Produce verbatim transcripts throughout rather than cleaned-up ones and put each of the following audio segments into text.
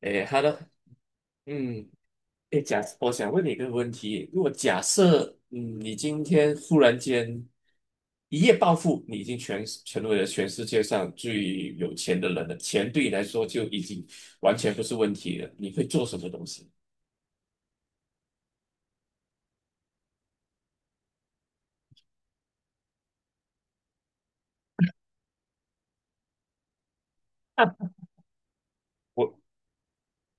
诶，好的。嗯。哎，假，我想问你一个问题。如果假设，嗯，你今天忽然间一夜暴富，你已经全成为了全世界上最有钱的人了，钱对你来说就已经完全不是问题了，你会做什么东西？我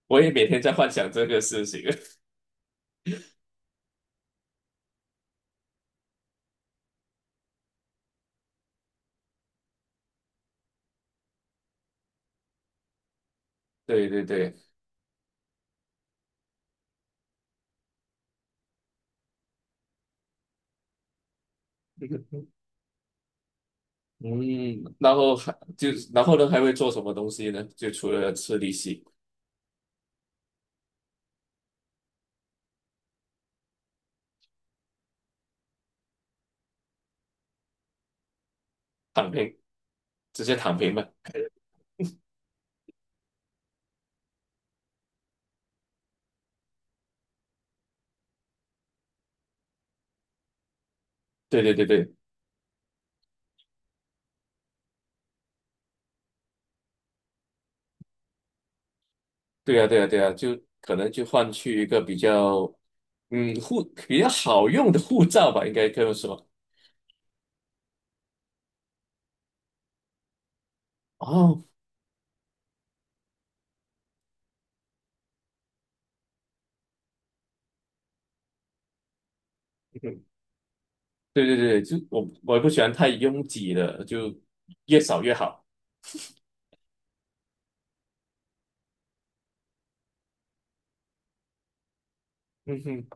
我也每天在幻想这个事情。对对对。嗯。然后还就然后呢还会做什么东西呢？就除了吃利息。躺平，直接躺平嘛。对对对对。对呀，对呀，对呀，就可能就换去一个比较，嗯，护比较好用的护照吧，应该这么说。哦。嗯，对对对，就我我不喜欢太拥挤的，就越少越好。嗯哼。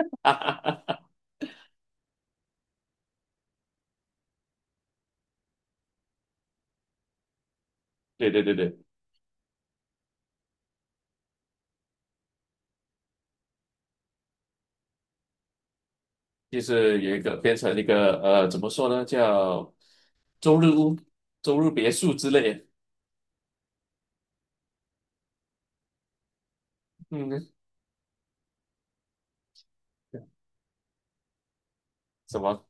哈哈哈哈。对对对对。就是有一个变成一个呃，怎么说呢，叫周日屋、周日别墅之类的。嗯，什么？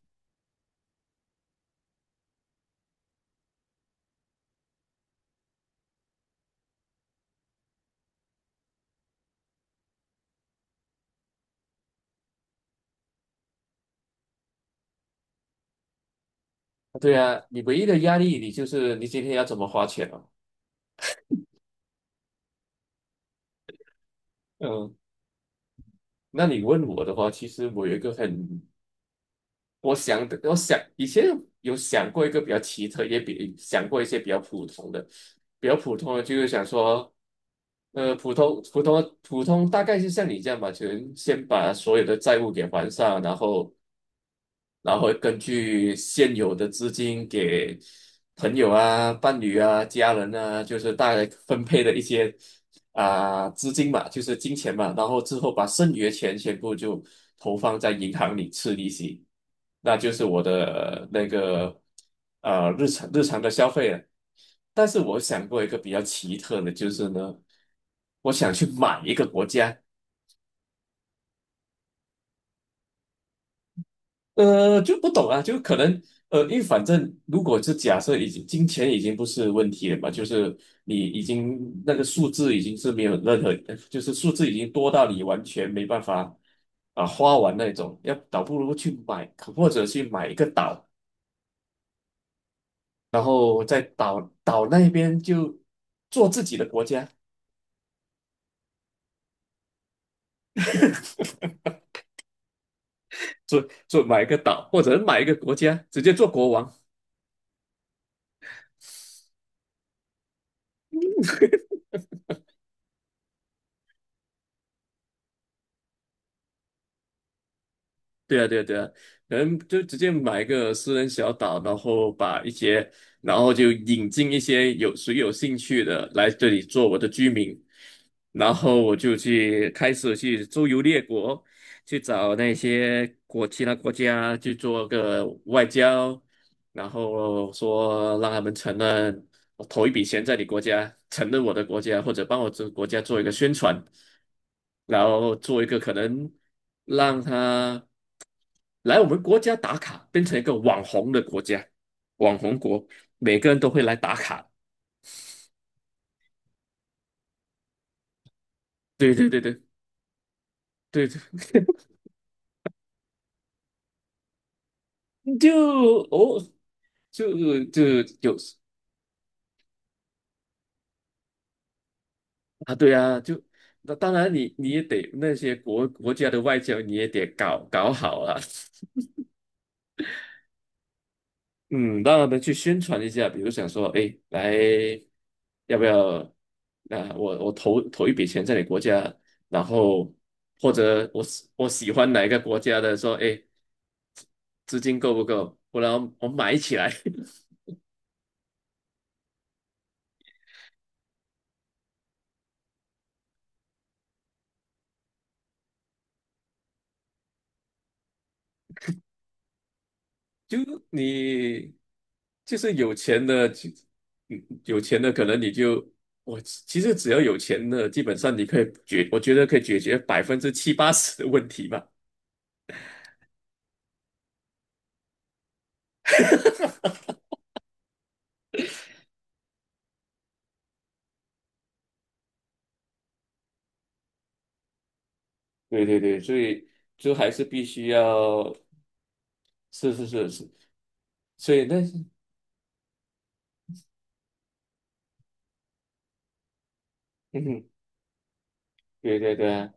对啊，你唯一的压力，你就是你今天要怎么花钱啊？嗯，那你问我的话，其实我有一个很，我想的，我想以前有想过一个比较奇特，也比想过一些比较普通的。比较普通的就是想说，呃，普通普通普通大概是像你这样吧，就是先把所有的债务给还上，然后然后根据现有的资金给朋友啊、伴侣啊、家人啊，就是大概分配的一些啊、资金嘛，就是金钱嘛，然后之后把剩余的钱全部就投放在银行里吃利息。那就是我的那个呃日常日常的消费了。但是我想过一个比较奇特的，就是呢，我想去买一个国家。呃，就不懂啊，就可能，呃，因为反正如果是假设已经金钱已经不是问题了嘛，就是你已经那个数字已经是没有任何，呃就是数字已经多到你完全没办法啊、花完那种，要倒不如去买，或者去买一个岛，然后在岛岛那边就做自己的国家。做做买一个岛，或者买一个国家，直接做国王。对啊，对啊，对啊，可能就直接买一个私人小岛，然后把一些，然后就引进一些有谁有兴趣的来这里做我的居民，然后我就去开始去周游列国，去找那些国其他国家去做个外交，然后说让他们承认我投一笔钱在你国家，承认我的国家，或者帮我这个国家做一个宣传，然后做一个可能让他来我们国家打卡，变成一个网红的国家，网红国，每个人都会来打卡。对对对对对对。就哦，就就有啊，对啊，就那当然你你也得那些国国家的外交你也得搞搞好啊。嗯，让他们去宣传一下，比如想说，哎，来，要不要？啊，我我投投一笔钱在你国家，然后或者我喜我喜欢哪一个国家的，说，哎，资金够不够？不然我买起来。就你就是有钱的，就嗯有钱的可能你就，我其实只要有钱的，基本上你可以解，我觉得可以解决百分之七八十的问题吧。对对对，所以就还是必须要，是是是是，所以那是。嗯哼，对对对啊，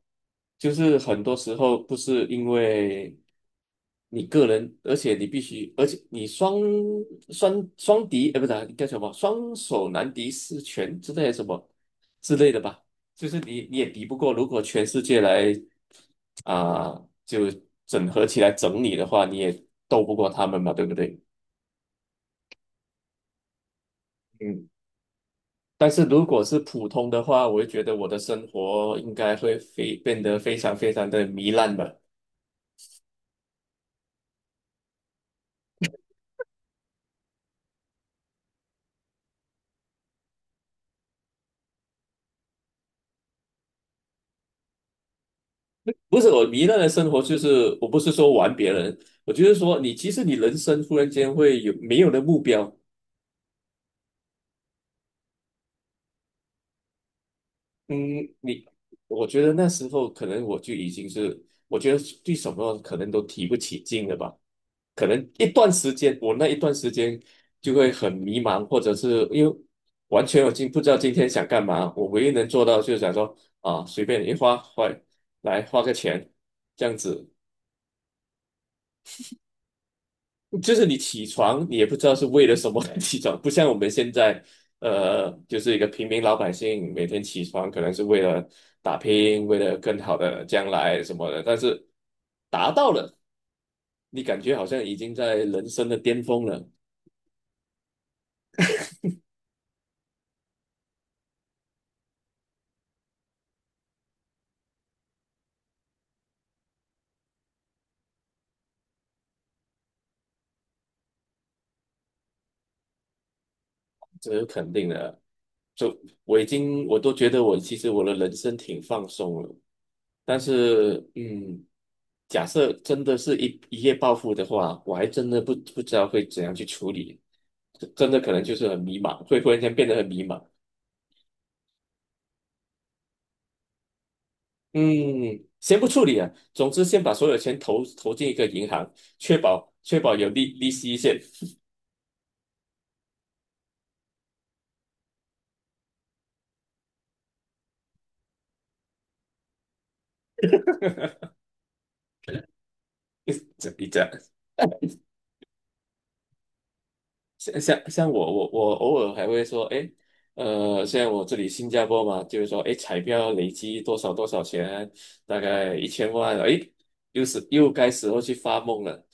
就是很多时候不是因为你个人，而且你必须，而且你双双双敌，呃，不是啊叫什么，双手难敌四拳之类的什么之类的吧，就是你你也敌不过，如果全世界来啊、就整合起来整你的话，你也斗不过他们嘛，对不对？嗯。但是如果是普通的话，我会觉得我的生活应该会非变得非常非常的糜烂吧。不是我糜烂的生活，就是我不是说玩别人，我就是说你其实你人生突然间会有没有了目标。嗯，你，我觉得那时候可能我就已经是，我觉得对什么可能都提不起劲了吧。可能一段时间，我那一段时间就会很迷茫，或者是因为完全我今不知道今天想干嘛。我唯一能做到就是想说啊，随便一花花来花个钱，这样子就是你起床，你也不知道是为了什么而起床。不像我们现在，呃，就是一个平民老百姓，每天起床可能是为了打拼，为了更好的将来什么的。但是达到了，你感觉好像已经在人生的巅峰了。就我已经我都觉得，我其实我的人生挺放松了。但是，嗯，假设真的是一一夜暴富的话，我还真的不不知道会怎样去处理，真的可能就是很迷茫，会忽然间变得很迷茫。嗯，先不处理啊，总之先把所有钱投投进一个银行，确保确保有利利息先。这一这样像像像我我我偶尔还会说，哎，呃，像我这里新加坡嘛，就是说，哎，彩票累积多少多少钱，大概一千万。哎，又是又该时候去发梦了，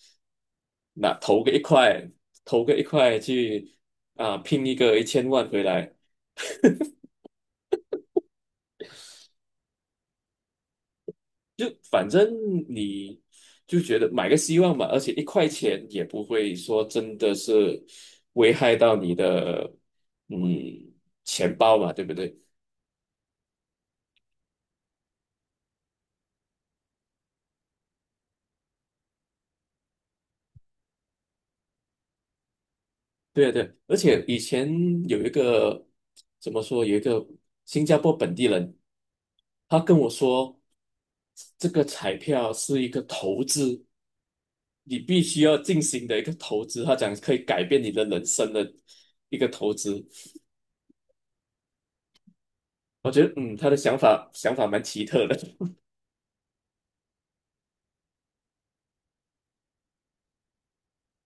那投个一块，投个一块去啊、拼一个一千万回来。就反正你就觉得买个希望嘛，而且一块钱也不会说真的是危害到你的嗯钱包嘛，对不对？对啊对啊，而且以前有一个怎么说，有一个新加坡本地人，他跟我说，这个彩票是一个投资，你必须要进行的一个投资，他讲可以改变你的人生的一个投资。我觉得，嗯，他的想法想法蛮奇特的。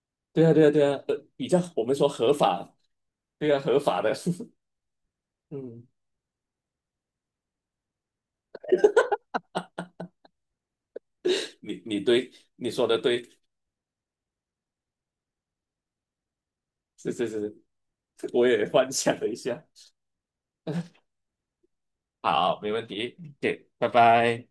对啊，对啊，对啊，呃，比较我们说合法，对啊，合法的。嗯，你你对你说的对，是是是，我也幻想了一下。好，没问题对，拜拜。